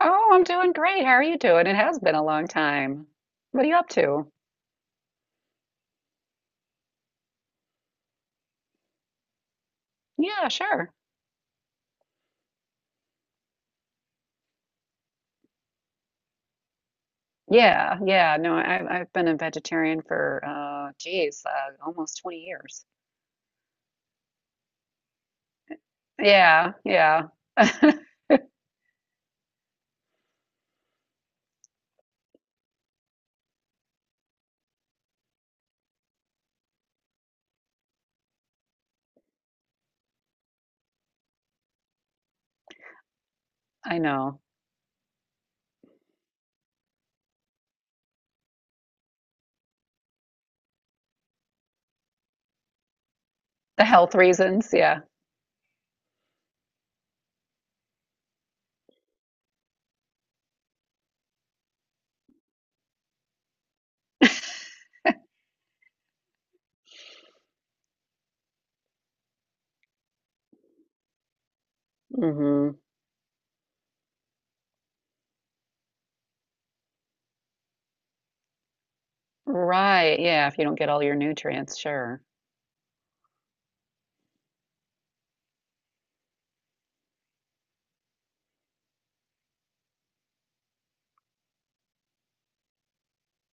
Oh, I'm doing great. How are you doing? It has been a long time. What are you up to? Yeah, sure. Yeah, yeah. No, I've been a vegetarian for, geez, almost 20 years. Yeah, yeah. I know. The health reasons. Yeah. Hmm. Right. Yeah. If you don't get all your nutrients, sure.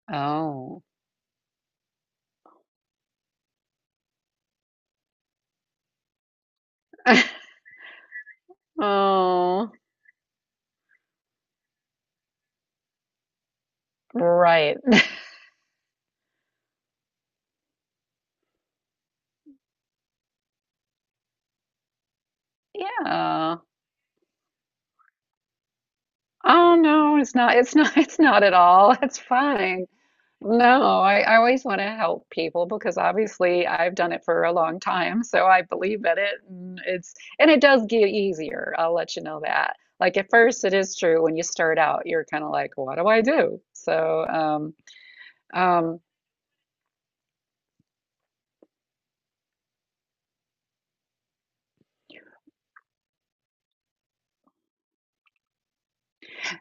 Oh. Oh, right. Yeah. Oh no, it's not. It's not. It's not at all. It's fine. No, I always want to help people because obviously I've done it for a long time, so I believe in it. And it does get easier. I'll let you know that. Like at first, it is true when you start out, you're kind of like, "What do I do?" Um,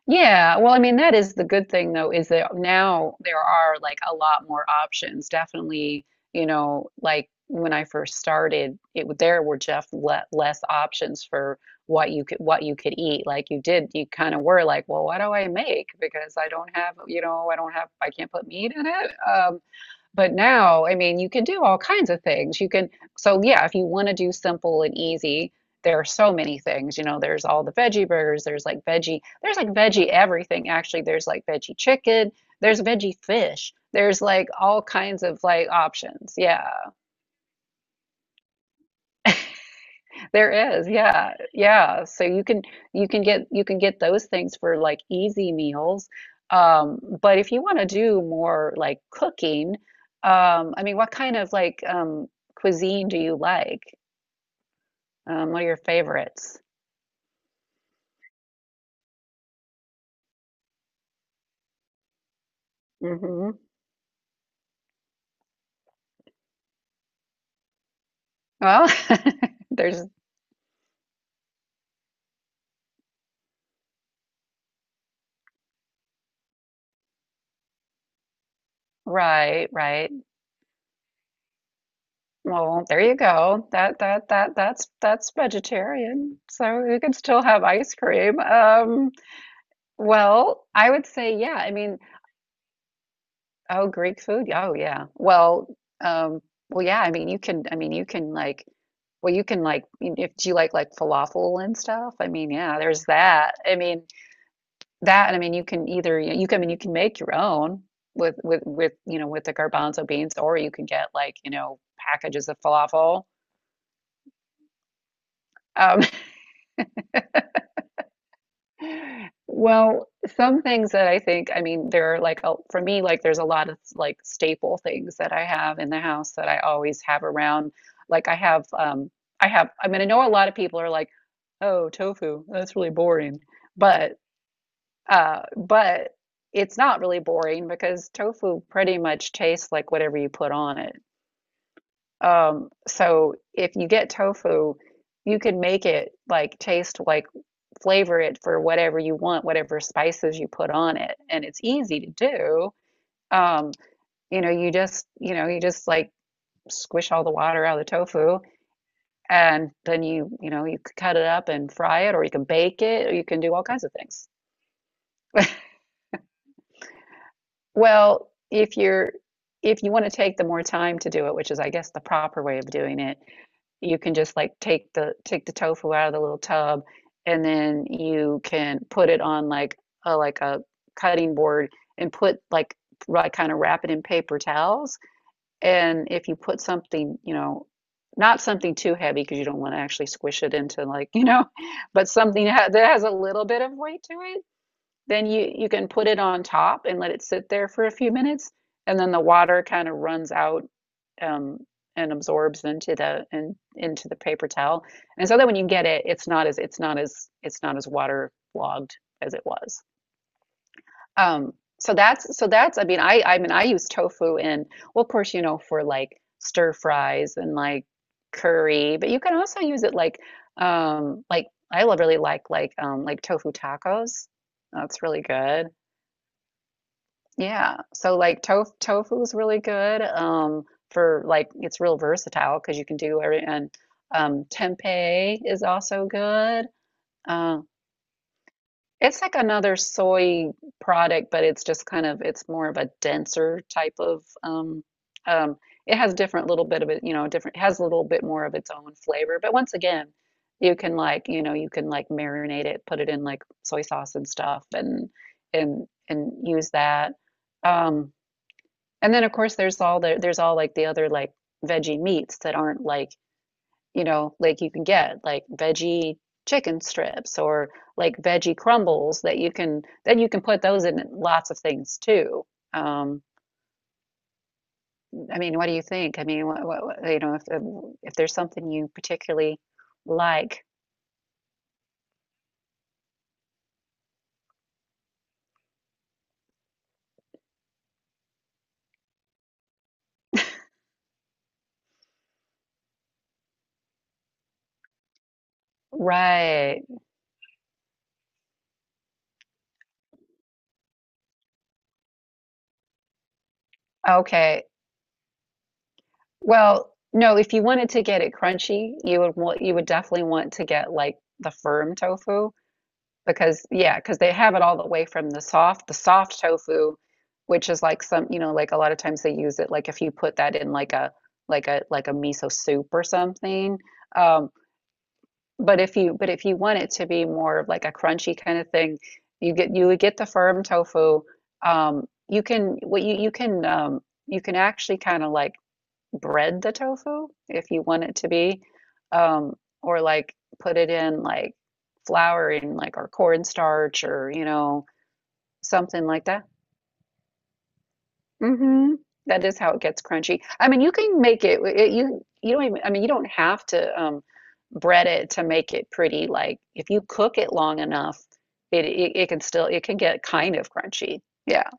Yeah, well, I mean, that is the good thing though, is that now there are like a lot more options. Definitely, you know, like when I first started, there were just le less options for what you could eat. Like you did, you kind of were like, well, what do I make? Because I don't have, you know, I don't have, I can't put meat in it. But now, I mean, you can do all kinds of things. So yeah, if you want to do simple and easy, there are so many things. You know, there's all the veggie burgers, there's like veggie everything, actually. There's like veggie chicken, there's veggie fish, there's like all kinds of like options. Yeah. There is, yeah, yeah. So you can you can get those things for like easy meals. But if you want to do more like cooking, I mean, what kind of like cuisine do you like? What are your favorites? Hmm. Well, there's right, right. Well, there you go. That's vegetarian. So you can still have ice cream. Well, I would say yeah. I mean. Oh, Greek food? Oh, yeah. Well, um, well, yeah. I mean, you can. I mean, you can like. Well, you can like. If do you like falafel and stuff? I mean, yeah. There's that. I mean, that. And I mean, you can either you can. I mean, you can make your own with you know with the garbanzo beans, or you can get like you know packages of falafel. Um, Well, some things that I think, I mean, there are like, a, for me, like there's a lot of like staple things that I have in the house that I always have around. Like I have, I have, I mean, I know a lot of people are like, oh, tofu, that's really boring. But, uh, but it's not really boring because tofu pretty much tastes like whatever you put on it. So if you get tofu, you can make it like taste like flavor it for whatever you want, whatever spices you put on it. And it's easy to do. Um, you know, you just, you know, you just like squish all the water out of the tofu and then you know, you could cut it up and fry it or you can bake it or you can do all kinds of things. Well, if you're if you want to take the more time to do it, which is I guess the proper way of doing it, you can just like take the tofu out of the little tub and then you can put it on like a cutting board and put like kind of wrap it in paper towels, and if you put something, you know, not something too heavy because you don't want to actually squish it into like you know, but something ha that has a little bit of weight to it, then you can put it on top and let it sit there for a few minutes, and then the water kind of runs out, um, and absorbs into the into the paper towel. And so that when you get it, it's not as waterlogged as it was. Um, so that's, I mean I use tofu in, well, of course you know for like stir fries and like curry, but you can also use it like um like I really like tofu tacos. That's really good. Yeah. So like tofu is really good for like it's real versatile because you can do every, and tempeh is also good. Uh, it's like another soy product, but it's just kind of it's more of a denser type of um it has different little bit of it, you know, different it has a little bit more of its own flavor. But once again, you can like, you know, you can like marinate it, put it in like soy sauce and stuff and use that. Um and then of course there's all the there's all like the other like veggie meats that aren't like, you know, like you can get like veggie chicken strips or like veggie crumbles that you can then you can put those in lots of things too. Um, I mean, what do you think? I mean, what- you know, if there's something you particularly like, right? Okay. Well, no, if you wanted to get it crunchy, you would want you would definitely want to get like the firm tofu because yeah, because they have it all the way from the soft tofu, which is like some, you know, like a lot of times they use it like if you put that in like a like a like a miso soup or something. Um, but if you want it to be more of like a crunchy kind of thing, you get you would get the firm tofu. You can what you you can actually kind of like bread the tofu if you want it to be, um, or like put it in like flour and like or cornstarch or you know something like that. Mm-hmm. That is how it gets crunchy. I mean, you can make it, you you don't even, I mean you don't have to bread it to make it pretty. Like if you cook it long enough, it can still it can get kind of crunchy. Yeah.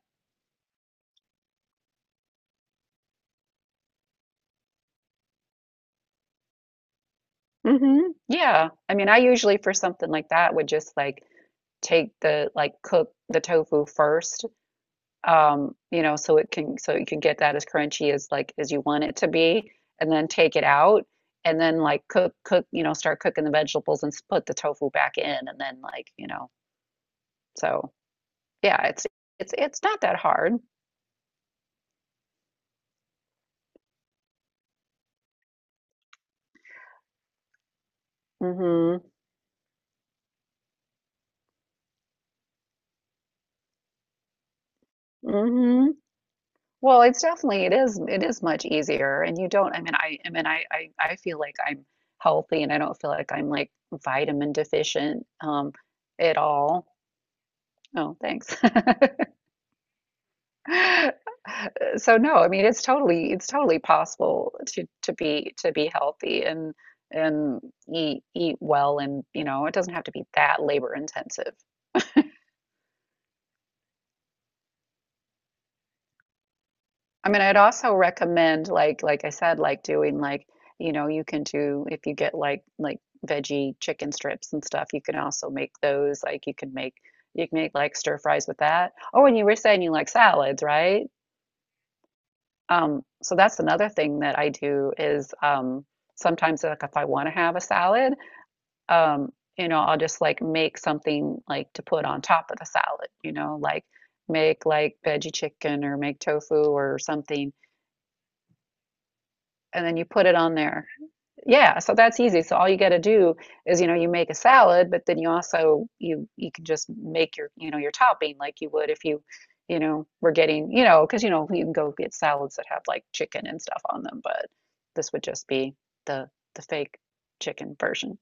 Hmm. Yeah. I mean, I usually for something like that would just like take the like cook the tofu first, um, you know so it can so you can get that as crunchy as like as you want it to be, and then take it out and then like cook you know start cooking the vegetables and put the tofu back in and then like you know so yeah it's it's not that hard. Mhm. Mhm. Well, it's definitely it is much easier and you don't, I mean I feel like I'm healthy and I don't feel like I'm like vitamin deficient at all. Oh, thanks. So no, I mean it's totally possible to to be healthy and eat well, and you know it doesn't have to be that labor intensive. I mean I'd also recommend like I said like doing like you know you can do if you get like veggie chicken strips and stuff you can also make those like you can make like stir fries with that. Oh, and you were saying you like salads, right? So that's another thing that I do is, sometimes like if I want to have a salad, um, you know, I'll just like make something like to put on top of the salad, you know, like make like veggie chicken or make tofu or something, and then you put it on there. Yeah, so that's easy. So all you got to do is, you know, you make a salad, but then you also you can just make your, you know, your topping like you would if you, you know, were getting, you know, because you know, you can go get salads that have like chicken and stuff on them, but this would just be the fake chicken version.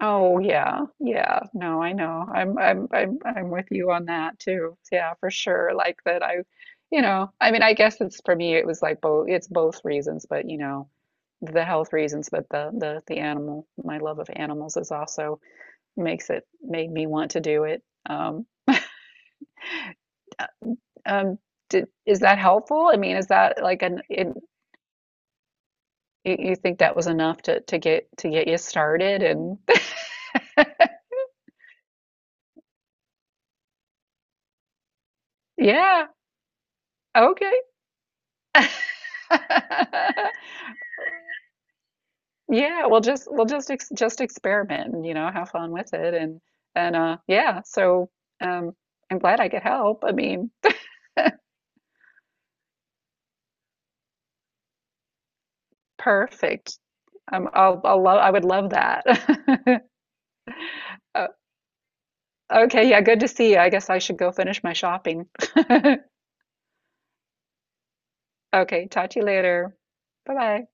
Oh yeah, yeah. No, I know. I'm with you on that too. Yeah, for sure. You know, I mean, I guess it's for me it was like both, it's both reasons, but you know, the health reasons, but the animal, my love of animals is also makes it made me want to do it. Um uh, um did, is that helpful? I mean, is that like an in you you think that was enough to to get you started and yeah, okay. Yeah, well, just we'll just ex just experiment and you know have fun with it and yeah. So um, I'm glad I could help. I mean, perfect. I would love that. Uh, okay, yeah, good to see you. I guess I should go finish my shopping. Okay, talk to you later. Bye bye.